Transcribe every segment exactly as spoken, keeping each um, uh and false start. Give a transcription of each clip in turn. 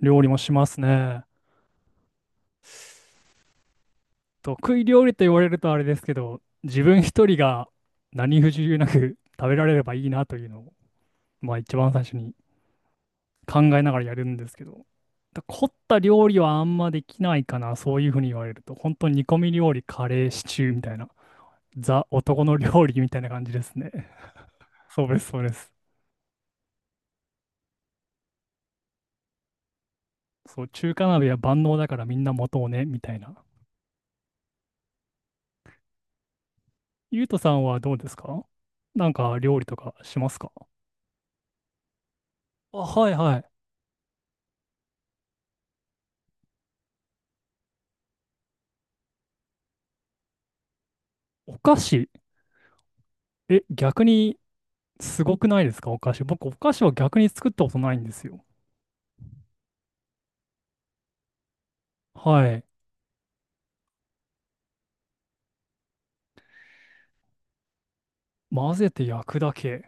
料理もしますね。得意料理と言われるとあれですけど、自分一人が何不自由なく食べられればいいなというのを、まあ一番最初に考えながらやるんですけど、だ凝った料理はあんまできないかな、そういうふうに言われると、本当に煮込み料理、カレー、シチューみたいな、ザ男の料理みたいな感じですね。そうです、そうです。そう、中華鍋は万能だからみんな持とうね、みたいな。ゆうとさんはどうですか？なんか料理とかしますか？あ、はいはい。お菓子。え、逆にすごくないですか、お菓子。僕、お菓子は逆に作ったことないんですよ。はい。混ぜて焼くだけ。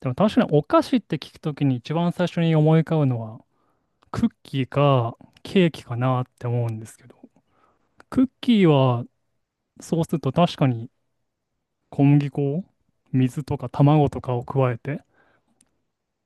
でも確かにお菓子って聞くときに一番最初に思い浮かぶのは、クッキーかケーキかなって思うんですけど、クッキーはそうすると確かに小麦粉、水とか卵とかを加えてっ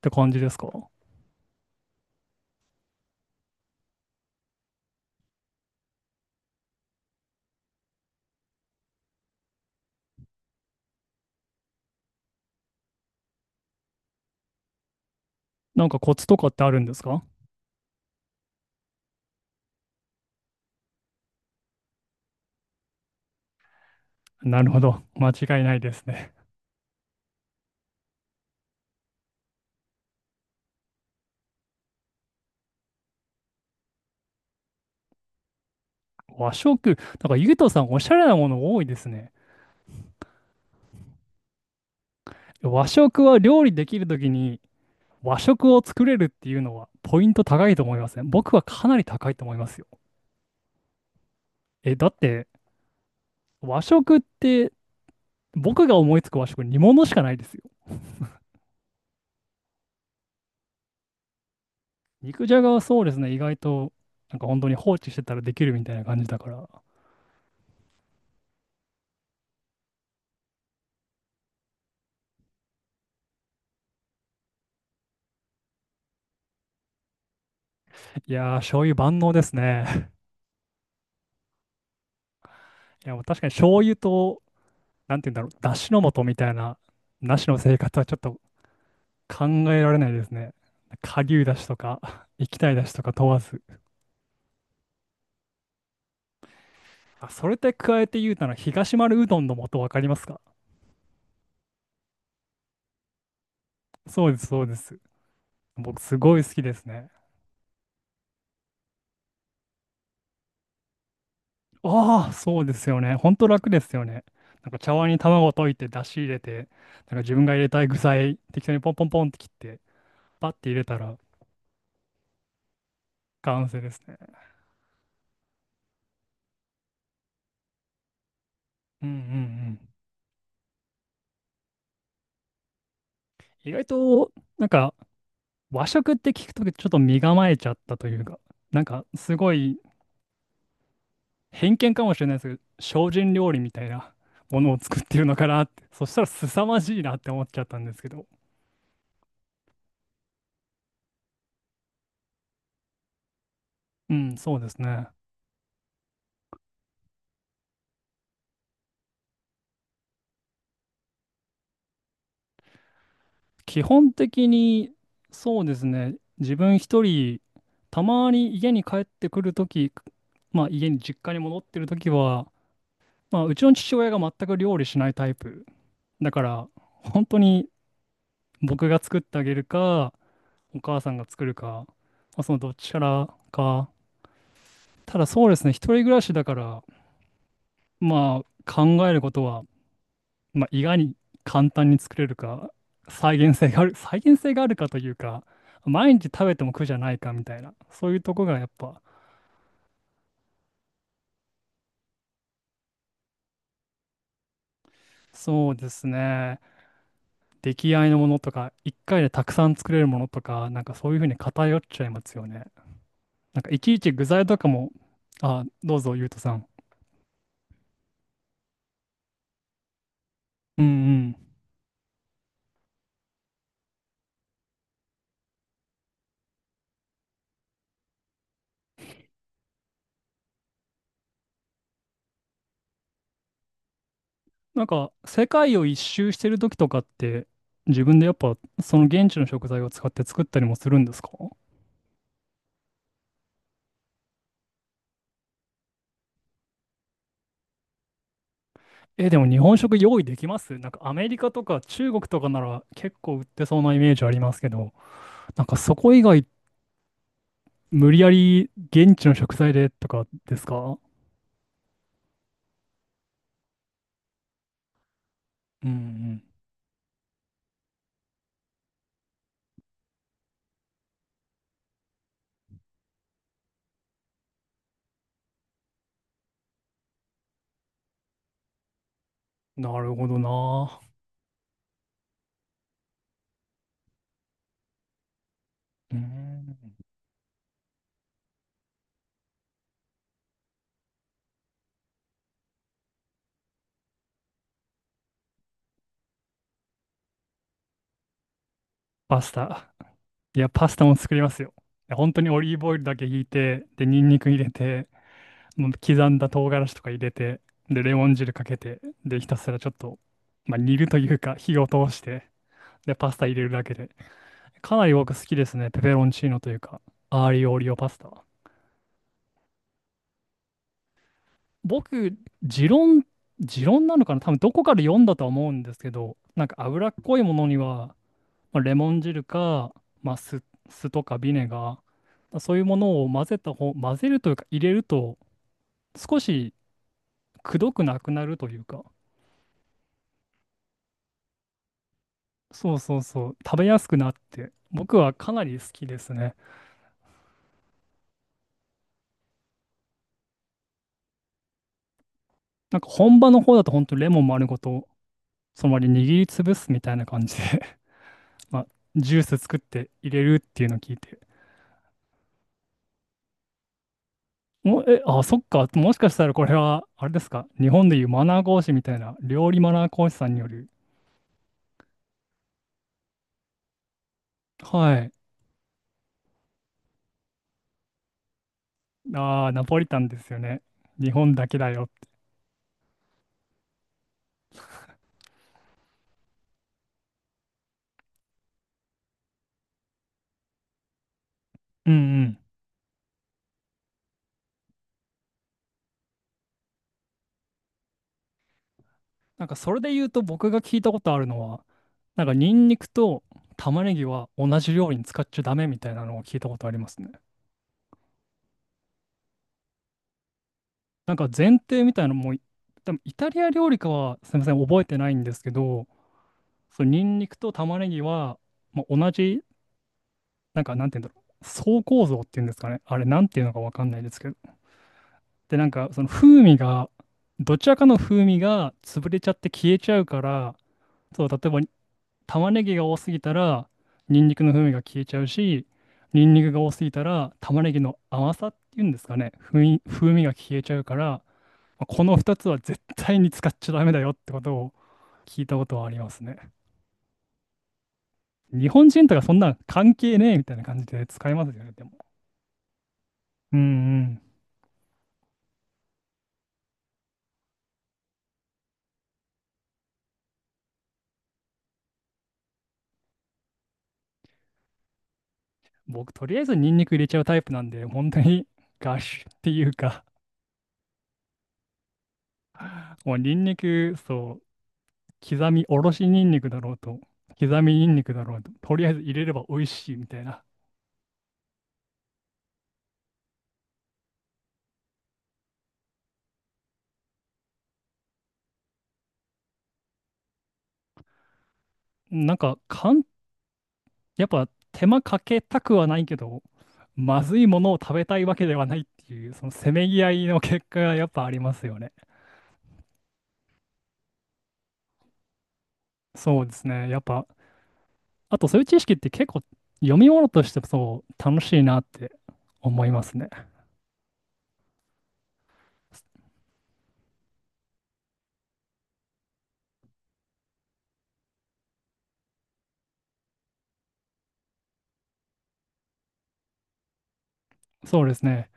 て感じですか？なんかコツとかってあるんですか？なるほど。間違いないですね。和食、なんかゆうとさんおしゃれなもの多いですね。和食は料理できるときに和食を作れるっていうのはポイント高いと思いません？僕はかなり高いと思いますよ。え、だって和食って僕が思いつく和食煮物しかないですよ。肉じゃがはそうですね、意外となんか本当に放置してたらできるみたいな感じだから。いやー、醤油万能ですね。いや、もう確かに醤油と、なんて言うんだろう、だしの素みたいな、なしの生活はちょっと考えられないですね。顆粒だしとか、液体だしとか問わず。あ、それって加えて言うたら、東丸うどんの素わかりますか？そうです、そうです。僕、すごい好きですね。ああ、そうですよね。ほんと楽ですよね。なんか茶碗に卵溶いて、出汁入れて、なんか自分が入れたい具材、適当にポンポンポンって切って、パッて入れたら完成ですね。うんうんうん。意外と、なんか和食って聞くとちょっと身構えちゃったというか、なんかすごい偏見かもしれないですけど、精進料理みたいなものを作ってるのかなって、そしたら凄まじいなって思っちゃったんですけど。うん、そうですね。基本的に、そうですね。自分一人、たまに家に帰ってくるとき、まあ家に実家に戻ってるときは、まあうちの父親が全く料理しないタイプ。だから、本当に僕が作ってあげるか、お母さんが作るか、まあ、そのどっちからか。ただそうですね、一人暮らしだから、まあ、考えることは、まあ、意外に簡単に作れるか、再現性がある、再現性があるかというか、毎日食べても苦じゃないかみたいな、そういうとこがやっぱ、そうですね。出来合いのものとか、一回でたくさん作れるものとか、なんかそういうふうに偏っちゃいますよね。なんかいちいち具材とかも、あ、どうぞ、ゆうとさん。うんうん。なんか、世界を一周してる時とかって、自分でやっぱ、その現地の食材を使って作ったりもするんですか？え、でも日本食用意できます？なんかアメリカとか中国とかなら結構売ってそうなイメージありますけど、なんかそこ以外無理やり現地の食材でとかですか？うんうん。なるほどな。うん。パスタ。いや、パスタも作りますよ。いや本当にオリーブオイルだけひいて、で、ニンニク入れて、もう刻んだ唐辛子とか入れて、で、レモン汁かけて、で、ひたすらちょっと、まあ、煮るというか火を通して、で、パスタ入れるだけで。かなり僕好きですね。ペペロンチーノというか、アーリオオリオパスタは。僕、持論、持論なのかな、多分どこかで読んだとは思うんですけど、なんか脂っこいものには、まあ、レモン汁か、まあ、酢、酢とかビネガー、そういうものを混ぜた方、混ぜるというか入れると、少しくどくなくなるというか、そうそうそう、食べやすくなって、僕はかなり好きですね。なんか本場の方だと本当レモン丸ごと、そのまま握りつぶすみたいな感じで、まあ、ジュース作って入れるっていうのを聞いて、もえ、あ、そっか、もしかしたらこれは、あれですか、日本でいうマナー講師みたいな、料理マナー講師さんによる、はい、あー、ナポリタンですよね。日本だけだよって。うんうん。なんかそれで言うと僕が聞いたことあるのは、なんかニンニクと玉ねぎは同じ料理に使っちゃダメみたいなのを聞いたことありますね。なんか前提みたいなのも、多分イタリア料理かはすみません、覚えてないんですけど、そのニンニクと玉ねぎは、まあ、同じなんか、なんて言うんだろう。層構造っていうんですかね。あれ、なんていうのかわかんないですけど。で、なんか、その風味が、どちらかの風味が潰れちゃって消えちゃうから、そう、例えば、玉ねぎが多すぎたら、ニンニクの風味が消えちゃうし、ニンニクが多すぎたら、玉ねぎの甘さっていうんですかね。風味、風味が消えちゃうから、まあこのふたつは絶対に使っちゃダメだよってことを聞いたことはありますね。日本人とかそんな関係ねえみたいな感じで使いますよね、でも。うんうん。僕、とりあえずニンニク入れちゃうタイプなんで、本当に ガッシュっていうか、もうニンニク、そう、刻みおろしニンニクだろうと、刻みニンニクだろうと、とりあえず入れれば美味しいみたいな。なんか、かん、やっぱ手間かけたくはないけど、まずいものを食べたいわけではないっていう、そのせめぎ合いの結果がやっぱありますよね。そうですね。やっぱ、あとそういう知識って結構読み物としてそう楽しいなって思いますね。そうですね。